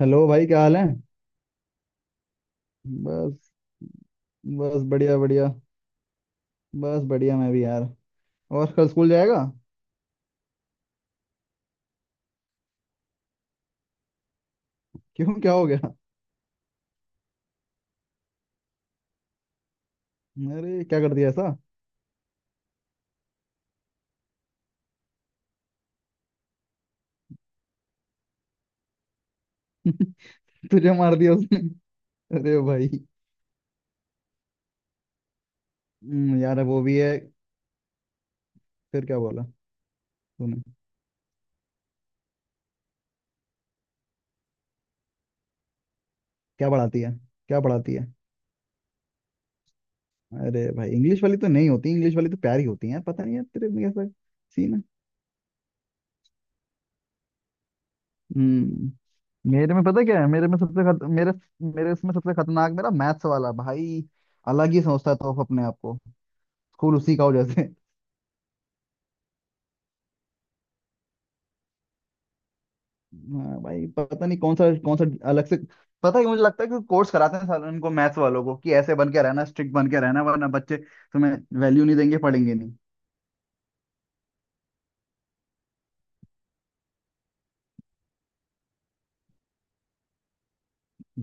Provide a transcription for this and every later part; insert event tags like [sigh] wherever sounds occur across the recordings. Hello भाई, क्या हाल है? बस बस बढ़िया बढ़िया। बस बढ़िया, मैं भी यार। और कल स्कूल जाएगा? क्यों? क्या हो गया? अरे, क्या कर दिया ऐसा? तुझे मार दिया उसने? अरे भाई। यार वो भी है। फिर क्या बोला तूने? क्या पढ़ाती है? क्या पढ़ाती है? अरे भाई, इंग्लिश वाली तो नहीं होती, इंग्लिश वाली तो प्यारी होती है। पता नहीं यार, तेरे में कैसा सीन है। हम्म। मेरे में पता क्या है, मेरे में सबसे खत, मेरे मेरे इसमें सबसे खतरनाक मेरा मैथ्स वाला भाई। अलग ही सोचता था वो अपने आप को। स्कूल उसी का हो जैसे। हाँ भाई, पता नहीं कौन सा कौन सा अलग से। पता है, मुझे लगता है कि कोर्स कराते हैं साल उनको मैथ्स वालों को कि ऐसे बन के रहना, स्ट्रिक्ट बन के रहना, वरना बच्चे तुम्हें वैल्यू नहीं देंगे, पढ़ेंगे नहीं।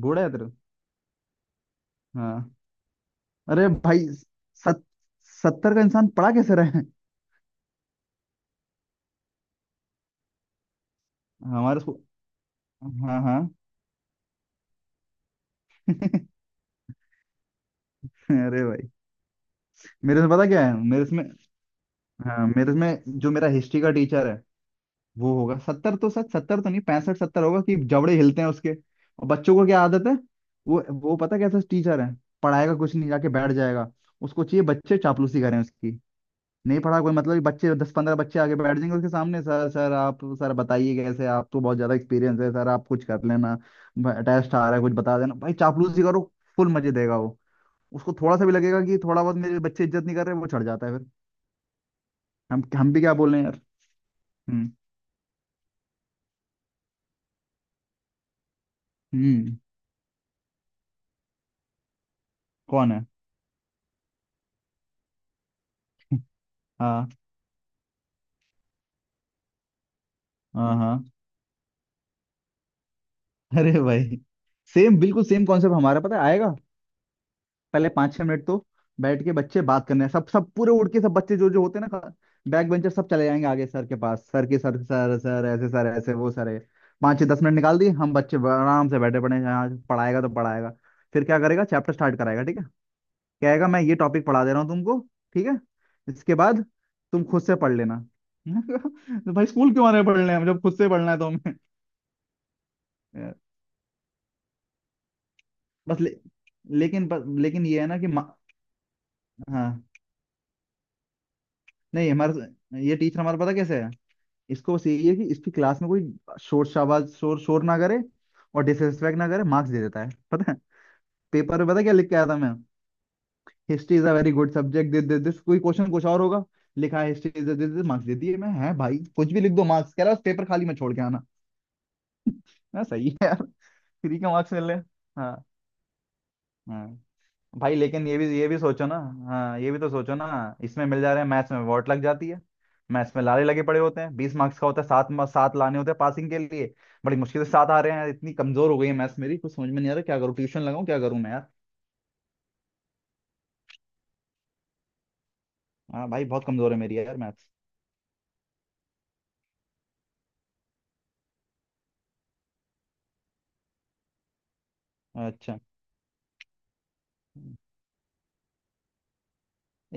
बूढ़ा है तेरे? हाँ। अरे भाई, सत, 70 का इंसान पढ़ा कैसे रहे हैं? हमारे स्कूल। हाँ, हाँ। [laughs] अरे भाई, मेरे से पता क्या है, मेरे इसमें। हाँ, मेरे इसमें जो मेरा हिस्ट्री का टीचर है, वो होगा 70 तो, सच सत्तर तो नहीं, 65-70 होगा, कि जबड़े हिलते हैं उसके। और बच्चों को क्या आदत है? वो पता कैसा टीचर है। पढ़ाएगा कुछ नहीं, जाके बैठ जाएगा। उसको चाहिए बच्चे चापलूसी करें उसकी। नहीं पढ़ा कोई मतलब नहीं, बच्चे, 10-15 बच्चे आगे बैठ जाएंगे उसके सामने, सर सर आप, सर बताइए कैसे, आपको बहुत ज्यादा एक्सपीरियंस है, सर आप कुछ कर लेना। टेस्ट आ रहा है, कुछ बता देना भाई, चापलूसी करो। फुल मजे देगा वो। उसको थोड़ा सा भी लगेगा कि थोड़ा बहुत मेरे बच्चे इज्जत नहीं कर रहे, वो चढ़ जाता है फिर। हम भी क्या बोल रहे हैं यार। हम्म। हम्म कौन है? हाँ। हाँ, हाँ। अरे भाई, सेम, बिल्कुल सेम कॉन्सेप्ट हमारा, पता है आएगा। पहले पाँच छह मिनट तो बैठ के बच्चे बात करने हैं। सब सब पूरे उड़ के सब बच्चे जो जो होते हैं ना, बैक बेंचर सब चले जाएंगे आगे सर के पास, सर के सर सर सर ऐसे सर ऐसे, वो सर है। 5, 6, 10 मिनट निकाल दिए, हम बच्चे आराम से बैठे पड़े हैं, यहाँ पढ़ाएगा तो पढ़ाएगा। फिर क्या करेगा, चैप्टर स्टार्ट कराएगा, ठीक है। कहेगा मैं ये टॉपिक पढ़ा दे रहा हूँ तुमको। ठीक है, इसके बाद तुम खुद से पढ़ लेना। [laughs] तो भाई स्कूल क्यों आने पढ़ने, हम जब खुद से पढ़ना है तो हमें। यार, बस ले, लेकिन बस लेकिन ये है ना कि। हाँ। नहीं, हमारा ये टीचर हमारा पता कैसे है, इसको बस यही है कि इसकी क्लास में कोई शोर शाबाज, शोर शोर ना करे, और डिसरिस्पेक्ट ना करे, मार्क्स दे देता है, पता है। पेपर में पता क्या लिख के आया था मैं? History is a very good subject, this this this, कोई क्वेश्चन कुछ और होगा, लिखा है history is this this, marks दे दिए। मैं है भाई कुछ भी लिख दो मार्क्स कह रहा है, बस पेपर खाली में छोड़ के आना। मैं, सही है यार। फ्री के मार्क्स मिल रहे हैं। हाँ। हाँ भाई, लेकिन ये भी सोचो ना। हाँ, ये भी तो सोचो ना। इसमें मिल जा रहे हैं, मैथ्स में वॉट लग जाती है। मैथ्स में लारे लगे पड़े होते हैं, 20 मार्क्स का होता है, सात लाने होते हैं पासिंग के लिए। बड़ी मुश्किल से सात आ रहे हैं यार, इतनी कमजोर हो गई है मैथ्स मेरी, कुछ समझ में नहीं आ रहा, क्या करूँ? ट्यूशन लगाऊं? क्या करूँ मैं यार? हाँ भाई, बहुत कमजोर है मेरी यार मैथ्स। अच्छा।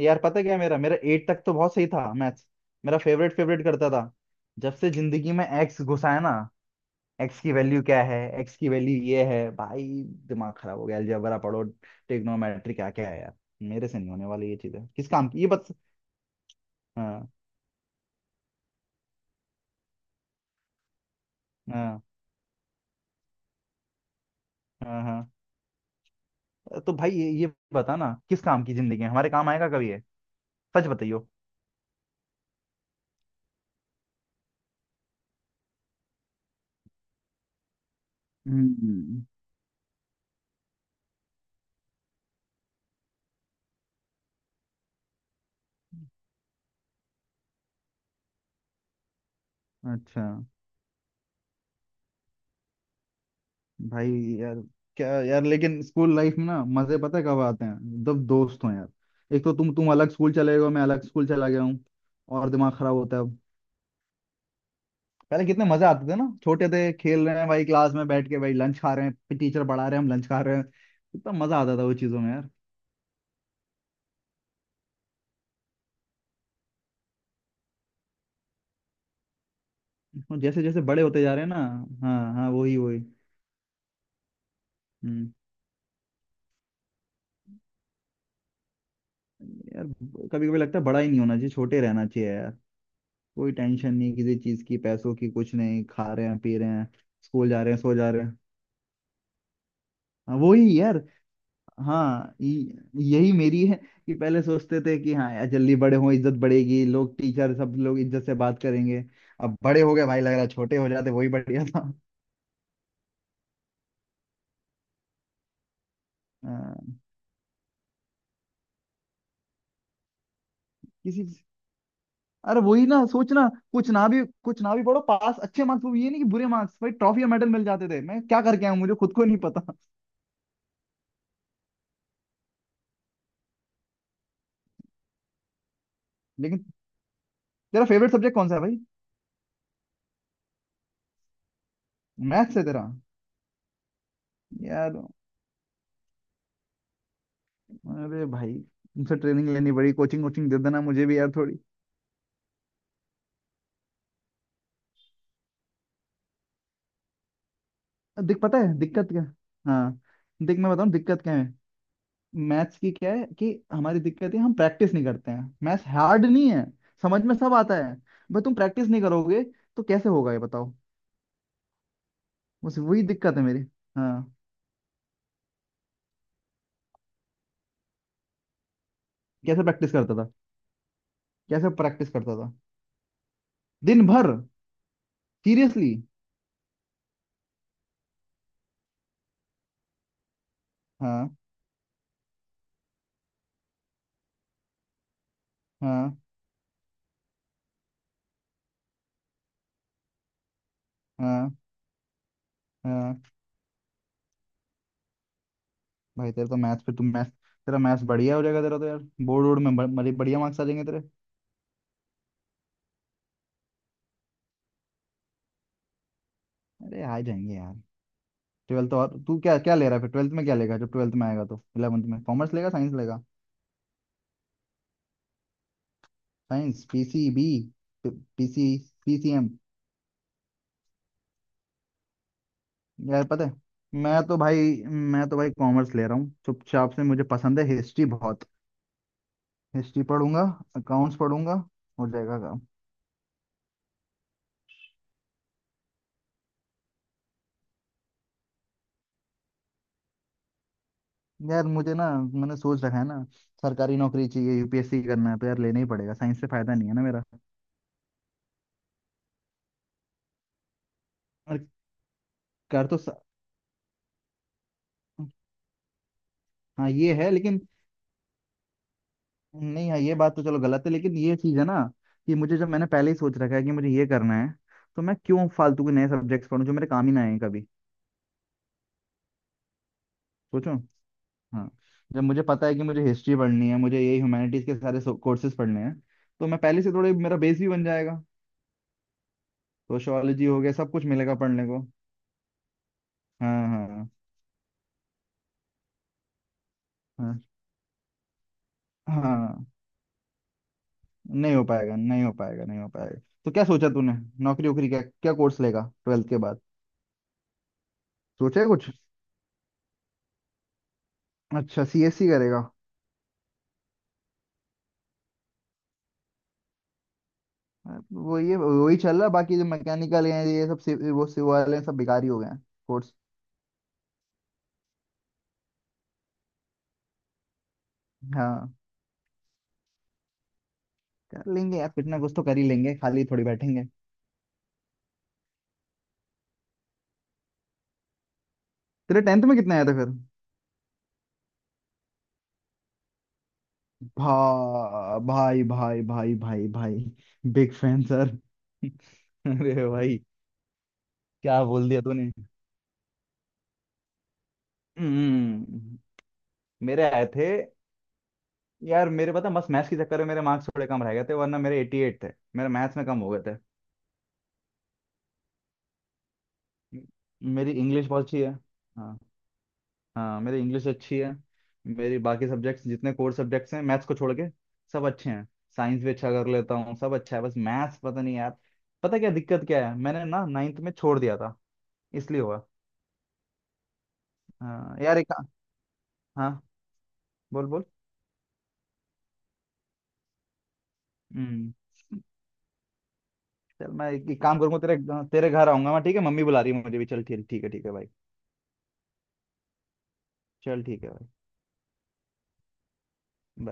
यार पता क्या है, मेरा मेरा 8 तक तो बहुत सही था मैथ्स। मेरा फेवरेट, फेवरेट करता था। जब से जिंदगी में एक्स घुसा है ना, एक्स की वैल्यू क्या है, एक्स की वैल्यू ये है भाई, दिमाग खराब हो गया। अलजेब्रा पढ़ो, ट्रिग्नोमेट्री, क्या क्या है यार। मेरे से नहीं होने वाली ये चीजें, किस काम की ये बस। हाँ, हाँ, हाँ, हाँ। तो भाई, ये बता ना, किस काम की जिंदगी है, हमारे काम आएगा कभी है? सच बताइयो। हम्म। अच्छा। भाई यार, क्या यार, लेकिन स्कूल लाइफ में ना मजे पता है कब आते हैं? जब दोस्त हो यार। एक तो तुम अलग स्कूल चले गए हो, मैं अलग स्कूल चला गया हूँ, और दिमाग खराब होता है। पहले कितने मजे आते थे ना, छोटे थे, खेल रहे हैं भाई, क्लास में बैठ के भाई लंच खा रहे हैं, टीचर पढ़ा रहे हैं, हम लंच खा रहे हैं। कितना मजा आता था वो चीजों में यार। और जैसे जैसे बड़े होते जा रहे हैं ना। हाँ हाँ, वही वही। हम्म। यार, कभी कभी लगता है बड़ा ही नहीं होना चाहिए, छोटे रहना चाहिए यार। कोई टेंशन नहीं किसी चीज की, पैसों की कुछ नहीं, खा रहे हैं पी रहे हैं, स्कूल जा रहे हैं, सो जा रहे हैं। हाँ, वही यार। हाँ, यही मेरी है, कि पहले सोचते थे कि हाँ यार जल्दी बड़े हों, इज्जत बढ़ेगी, लोग टीचर सब लोग इज्जत से बात करेंगे। अब बड़े हो गए भाई, लग रहा है छोटे हो जाते वही बढ़िया था। हाँ, किसी, अरे वही ना सोचना, कुछ ना भी पढ़ो पास, अच्छे मार्क्स, वो ये नहीं कि बुरे मार्क्स भाई, ट्रॉफी या मेडल मिल जाते थे, मैं क्या करके आया हूँ, मुझे खुद को नहीं पता। लेकिन तेरा फेवरेट सब्जेक्ट कौन सा है भाई? मैथ्स है तेरा? यार। अरे भाई, तुमसे ट्रेनिंग लेनी पड़ी, कोचिंग वोचिंग दे देना मुझे भी यार थोड़ी। दिक पता है दिक्कत क्या। हाँ। देख मैं बताऊँ दिक्कत क्या है, मैथ्स की क्या है, कि हमारी दिक्कत है हम प्रैक्टिस नहीं करते हैं, मैथ्स हार्ड नहीं है, समझ में सब आता है, बस तुम प्रैक्टिस नहीं करोगे तो कैसे होगा, ये बताओ। बस वही दिक्कत है मेरी। हाँ। कैसे प्रैक्टिस करता था? कैसे प्रैक्टिस करता था? दिन भर। सीरियसली? हाँ, हाँ, हाँ, हाँ। भाई तेरे तो मैथ्स पे, तुम मैथ्स, तेरा मैथ्स बढ़िया हो जाएगा तेरा तो यार। बोर्ड वोर्ड में बढ़िया मार्क्स आ जाएंगे तेरे। अरे आ जाएंगे यार। 12th, और तू क्या क्या ले रहा है फिर? ट्वेल्थ में क्या लेगा जब 12th में आएगा तो? 11th में कॉमर्स लेगा, साइंस लेगा? Science, PCB? पीसी? PCM? यार पता है, मैं तो भाई मैं तो भाई कॉमर्स ले रहा हूँ चुपचाप से, मुझे पसंद है हिस्ट्री बहुत। हिस्ट्री पढ़ूंगा, अकाउंट्स पढ़ूंगा, हो जाएगा काम। यार मुझे ना, मैंने सोच रखा है ना सरकारी नौकरी चाहिए, UPSC करना है, तो यार लेना ही पड़ेगा, साइंस से फायदा नहीं है ना मेरा। और कर तो। हाँ ये है, लेकिन नहीं, हाँ, ये बात तो चलो गलत है, लेकिन ये चीज़ है ना कि मुझे, जब मैंने पहले ही सोच रखा है कि मुझे ये करना है, तो मैं क्यों फालतू के नए सब्जेक्ट्स पढूं जो मेरे काम ही ना आए कभी। सोचो। हाँ, जब मुझे पता है कि मुझे हिस्ट्री पढ़नी है, मुझे ये ह्यूमैनिटीज के सारे कोर्सेज पढ़ने हैं, तो मैं पहले से, थोड़े मेरा बेस भी बन जाएगा, सोशियोलॉजी हो गया, सब कुछ मिलेगा पढ़ने को। हाँ, हाँ, हाँ, हाँ। नहीं हो पाएगा, नहीं हो पाएगा, नहीं हो पाएगा। तो क्या सोचा तूने? नौकरी वोकरी क्या क्या कोर्स लेगा 12th के बाद? सोचा है कुछ? अच्छा, CSC करेगा? वो ये वही चल रहा है, बाकी जो मैकेनिकल हैं ये सब, वो सिव वाले हैं, सब बेकार ही हो गए हैं, कोर्स। हाँ, कर लेंगे यार कुछ ना कुछ तो, कर ही लेंगे, खाली थोड़ी बैठेंगे। तेरे 10th में कितने आए थे फिर? भा भाई भाई भाई भाई भाई, बिग फैन सर। [laughs] अरे भाई, क्या बोल दिया तूने। हम्म। मेरे आए थे। यार मेरे पता, मस्त मैथ्स के चक्कर में मेरे मार्क्स थोड़े कम रह गए थे, वरना मेरे 88 थे, मेरे मैथ्स में कम हो गए थे। मेरी इंग्लिश बहुत अच्छी है। हाँ। हाँ, मेरी इंग्लिश अच्छी है, मेरी बाकी सब्जेक्ट्स जितने कोर सब्जेक्ट्स हैं मैथ्स को छोड़ के, सब अच्छे हैं। साइंस भी अच्छा कर लेता हूँ, सब अच्छा है, बस मैथ्स पता नहीं यार। पता क्या दिक्कत क्या है, मैंने ना 9th में छोड़ दिया था, इसलिए हुआ। हाँ यार, एक। हाँ। बोल बोल। हम्म। चल, मैं एक काम करूँगा तेरे, तेरे घर आऊंगा मैं, ठीक है, मम्मी बुला रही है मुझे भी, चल ठीक, ठीक है, ठीक है भाई। चल ठीक है भाई।